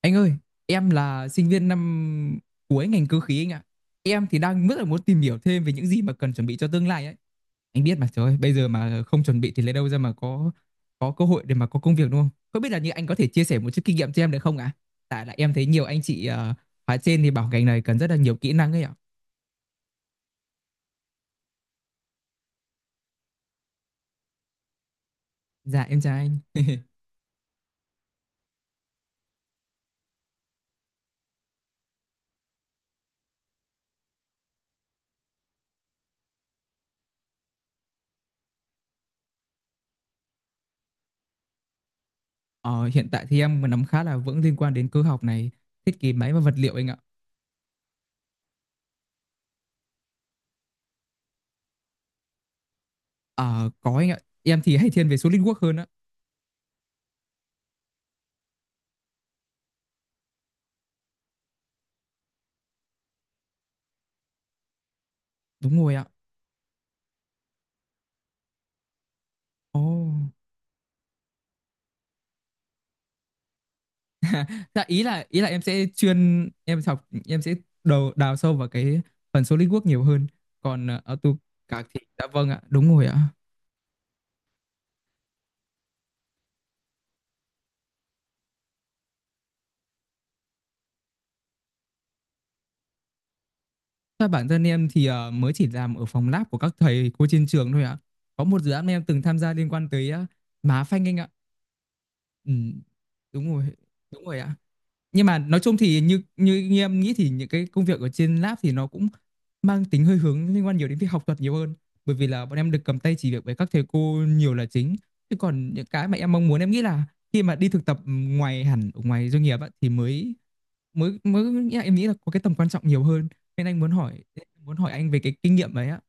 Anh ơi, em là sinh viên năm cuối ngành cơ khí anh ạ. Em thì đang rất là muốn tìm hiểu thêm về những gì mà cần chuẩn bị cho tương lai ấy. Anh biết mà, trời ơi, bây giờ mà không chuẩn bị thì lấy đâu ra mà có cơ hội để mà có công việc đúng không? Không biết là như anh có thể chia sẻ một chút kinh nghiệm cho em được không ạ? Tại là em thấy nhiều anh chị khóa trên thì bảo ngành này cần rất là nhiều kỹ năng ấy ạ. Dạ em chào anh. Ờ, Hiện tại thì em nắm khá là vững liên quan đến cơ học này, thiết kế máy và vật liệu anh ạ. Ờ, có anh ạ. Em thì hay thiên về SolidWorks hơn á. Đúng rồi ạ. Ồ. Dạ, ý là em sẽ chuyên em học em sẽ đầu đào sâu vào cái phần SolidWorks nhiều hơn. Còn AutoCAD thì, dạ vâng ạ, đúng rồi ạ. Thôi, bản thân em thì mới chỉ làm ở phòng lab của các thầy cô trên trường thôi ạ. Có một dự án em từng tham gia liên quan tới má phanh anh ạ. Ừ, đúng rồi, đúng rồi ạ. Nhưng mà nói chung thì như như như em nghĩ thì những cái công việc ở trên lab thì nó cũng mang tính hơi hướng liên quan nhiều đến việc học thuật nhiều hơn, bởi vì là bọn em được cầm tay chỉ việc với các thầy cô nhiều là chính. Chứ còn những cái mà em mong muốn, em nghĩ là khi mà đi thực tập ngoài, hẳn ở ngoài doanh nghiệp á, thì mới mới mới em nghĩ là có cái tầm quan trọng nhiều hơn, nên anh muốn hỏi anh về cái kinh nghiệm đấy ạ.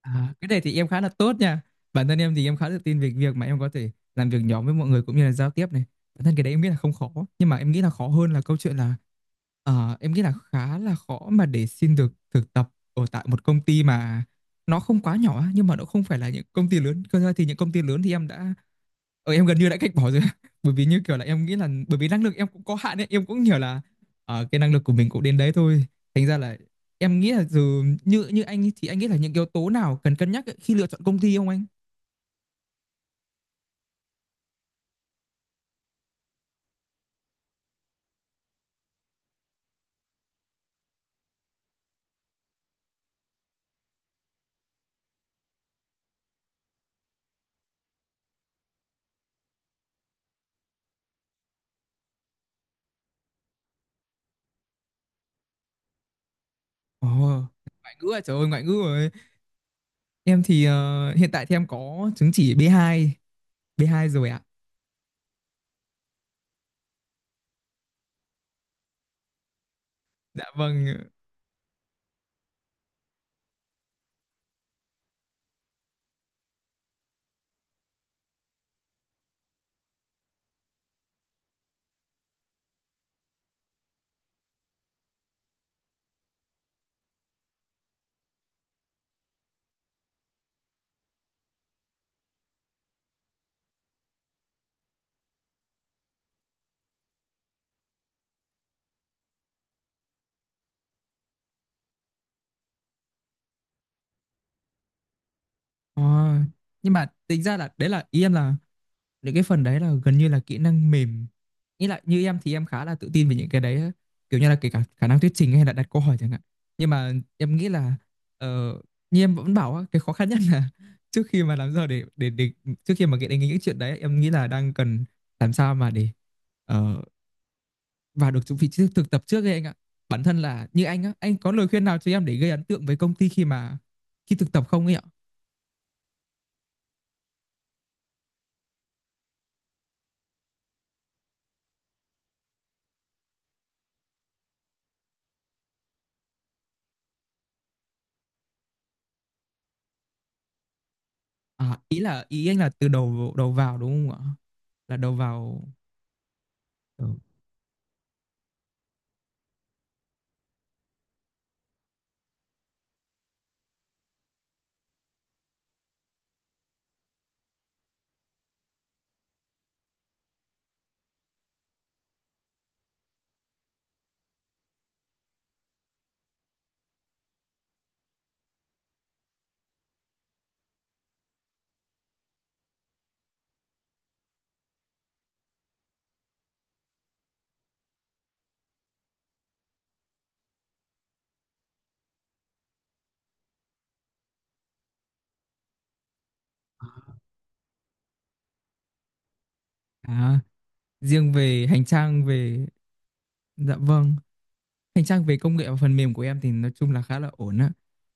À, cái này thì em khá là tốt nha. Bản thân em thì em khá là tin về việc mà em có thể làm việc nhóm với mọi người cũng như là giao tiếp này. Bản thân cái đấy em nghĩ là không khó, nhưng mà em nghĩ là khó hơn là câu chuyện là em nghĩ là khá là khó mà để xin được thực tập ở tại một công ty mà nó không quá nhỏ á, nhưng mà nó không phải là những công ty lớn. Cơ ra thì những công ty lớn thì em gần như đã cách bỏ rồi bởi vì như kiểu là em nghĩ là, bởi vì năng lực em cũng có hạn ấy, em cũng hiểu là cái năng lực của mình cũng đến đấy thôi, thành ra là em nghĩ là dù như như anh ấy, thì anh nghĩ là những yếu tố nào cần cân nhắc ấy khi lựa chọn công ty không anh? Ồ, ngoại ngữ à, trời ơi, ngoại ngữ rồi. Em thì hiện tại thì em có chứng chỉ B2. B2 rồi ạ, dạ vâng. Ờ, nhưng mà tính ra là đấy là ý em là những cái phần đấy là gần như là kỹ năng mềm. Nghĩ lại như em thì em khá là tự tin về những cái đấy á, kiểu như là kể cả khả năng thuyết trình hay là đặt câu hỏi chẳng hạn. Nhưng mà em nghĩ là ờ, như em vẫn bảo á, cái khó khăn nhất là trước khi mà làm sao để trước khi mà nghĩ đến những chuyện đấy, em nghĩ là đang cần làm sao mà để ờ, vào được vị trí thực tập trước ấy anh ạ. Bản thân là như anh á, anh có lời khuyên nào cho em để gây ấn tượng với công ty khi thực tập không ấy ạ? Ý anh là từ đầu đầu vào đúng không ạ? Là đầu vào. Ờ, À, riêng về hành trang về Dạ vâng, hành trang về công nghệ và phần mềm của em thì nói chung là khá là ổn á.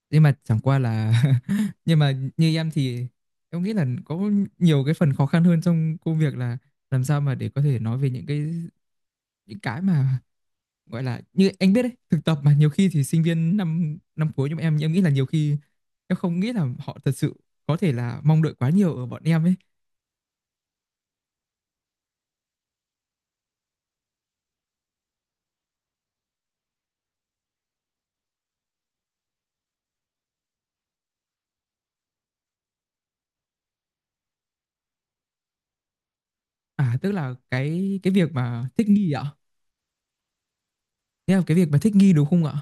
Nhưng mà chẳng qua là nhưng mà như em thì em nghĩ là có nhiều cái phần khó khăn hơn trong công việc là làm sao mà để có thể nói về những cái mà gọi là, như anh biết đấy, thực tập mà nhiều khi thì sinh viên năm năm cuối, nhưng mà em nghĩ là nhiều khi em không nghĩ là họ thật sự có thể là mong đợi quá nhiều ở bọn em ấy. À, tức là cái việc mà thích nghi ạ. Thế là cái việc mà thích nghi đúng không ạ?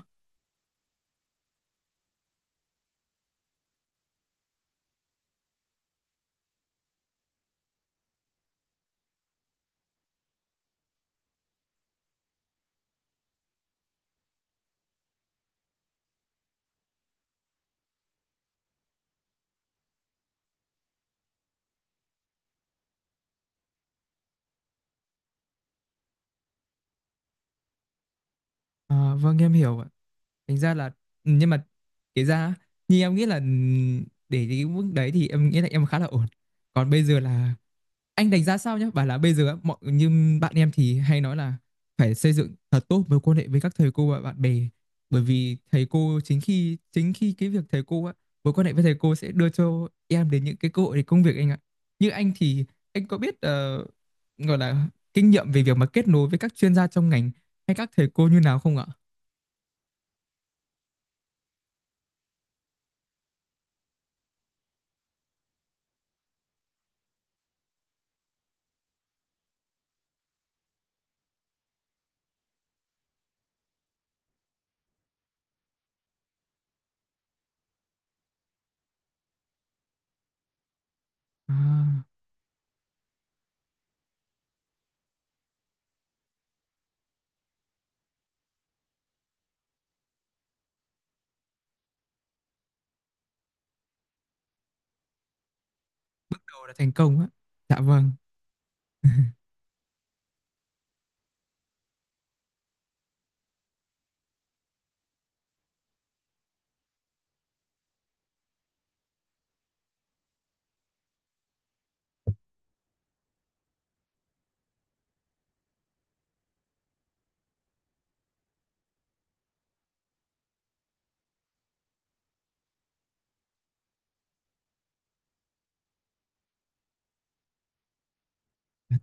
Ờ, vâng, em hiểu ạ. Thành ra là nhưng mà kể ra á, như em nghĩ là để cái mức đấy thì em nghĩ là em khá là ổn. Còn bây giờ là anh đánh giá sao nhá? Bảo là bây giờ á, mọi như bạn em thì hay nói là phải xây dựng thật tốt mối quan hệ với các thầy cô và bạn bè, bởi vì thầy cô chính khi cái việc thầy cô á mối quan hệ với thầy cô sẽ đưa cho em đến những cái cơ hội để công việc anh ạ. Như anh thì anh có biết gọi là kinh nghiệm về việc mà kết nối với các chuyên gia trong ngành hay các thầy cô như nào không ạ? À, đầu là thành công á. Dạ vâng.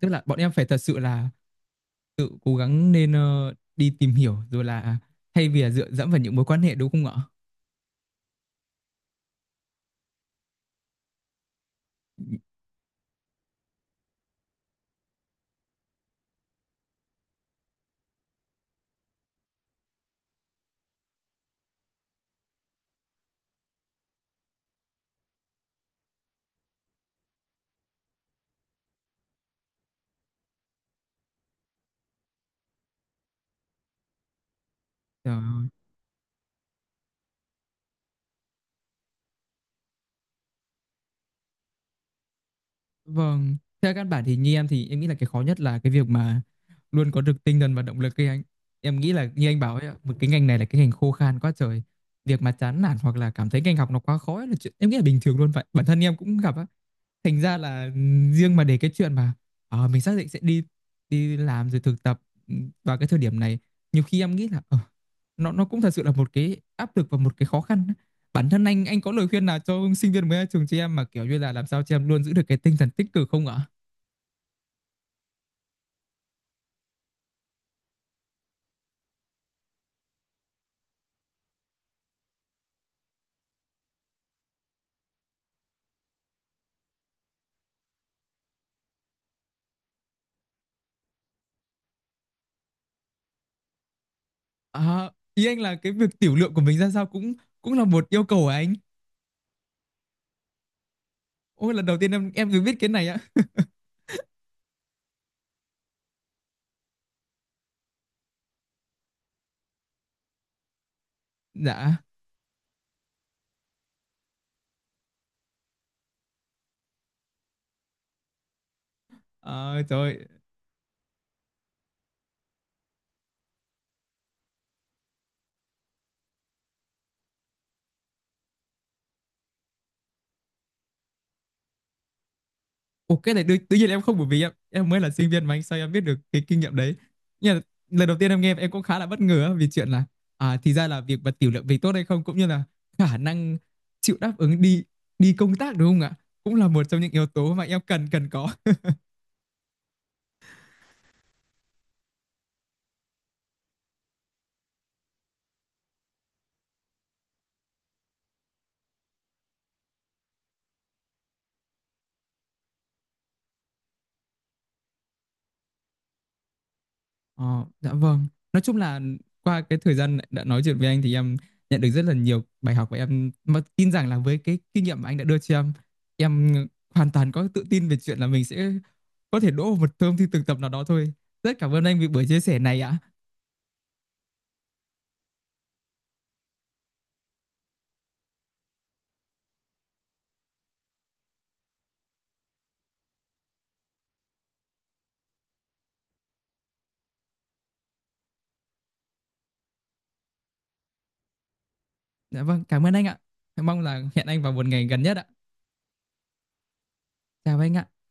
Tức là bọn em phải thật sự là tự cố gắng nên đi tìm hiểu rồi là, thay vì là dựa dẫm vào những mối quan hệ đúng không ạ? Ờ. Vâng, theo căn bản thì như em thì em nghĩ là cái khó nhất là cái việc mà luôn có được tinh thần và động lực ấy anh. Em nghĩ là như anh bảo ấy ạ, một cái ngành này là cái ngành khô khan quá trời. Việc mà chán nản hoặc là cảm thấy ngành học nó quá khó ấy là chuyện em nghĩ là bình thường luôn vậy. Bản thân em cũng gặp á. Thành ra là riêng mà để cái chuyện mà mình xác định sẽ đi đi làm rồi thực tập, vào cái thời điểm này, nhiều khi em nghĩ là nó cũng thật sự là một cái áp lực và một cái khó khăn. Bản thân anh có lời khuyên nào cho sinh viên mới ra trường chị em mà kiểu như là làm sao chị em luôn giữ được cái tinh thần tích cực không ạ? À, ý anh là cái việc tiểu lượng của mình ra sao cũng cũng là một yêu cầu của anh. Ôi, lần đầu tiên em được biết cái này á. Dạ. Ờ, trời ơi. Ồ, cái này tự nhiên em không, bởi vì em mới là sinh viên mà anh, sao em biết được cái kinh nghiệm đấy. Nhưng mà lần đầu tiên em nghe em cũng khá là bất ngờ á, vì chuyện là, à thì ra là việc mà tiểu lượng mình tốt hay không, cũng như là khả năng chịu đáp ứng đi đi công tác đúng không ạ? Cũng là một trong những yếu tố mà em cần cần có. Ờ, dạ vâng. Nói chung là qua cái thời gian đã nói chuyện với anh thì em nhận được rất là nhiều bài học, và em mà tin rằng là với cái kinh nghiệm mà anh đã đưa cho em hoàn toàn có tự tin về chuyện là mình sẽ có thể đỗ vào một thơm thi thực tập nào đó thôi. Rất cảm ơn anh vì buổi chia sẻ này ạ. Dạ vâng, cảm ơn anh ạ. Em mong là hẹn anh vào một ngày gần nhất ạ. Chào anh ạ.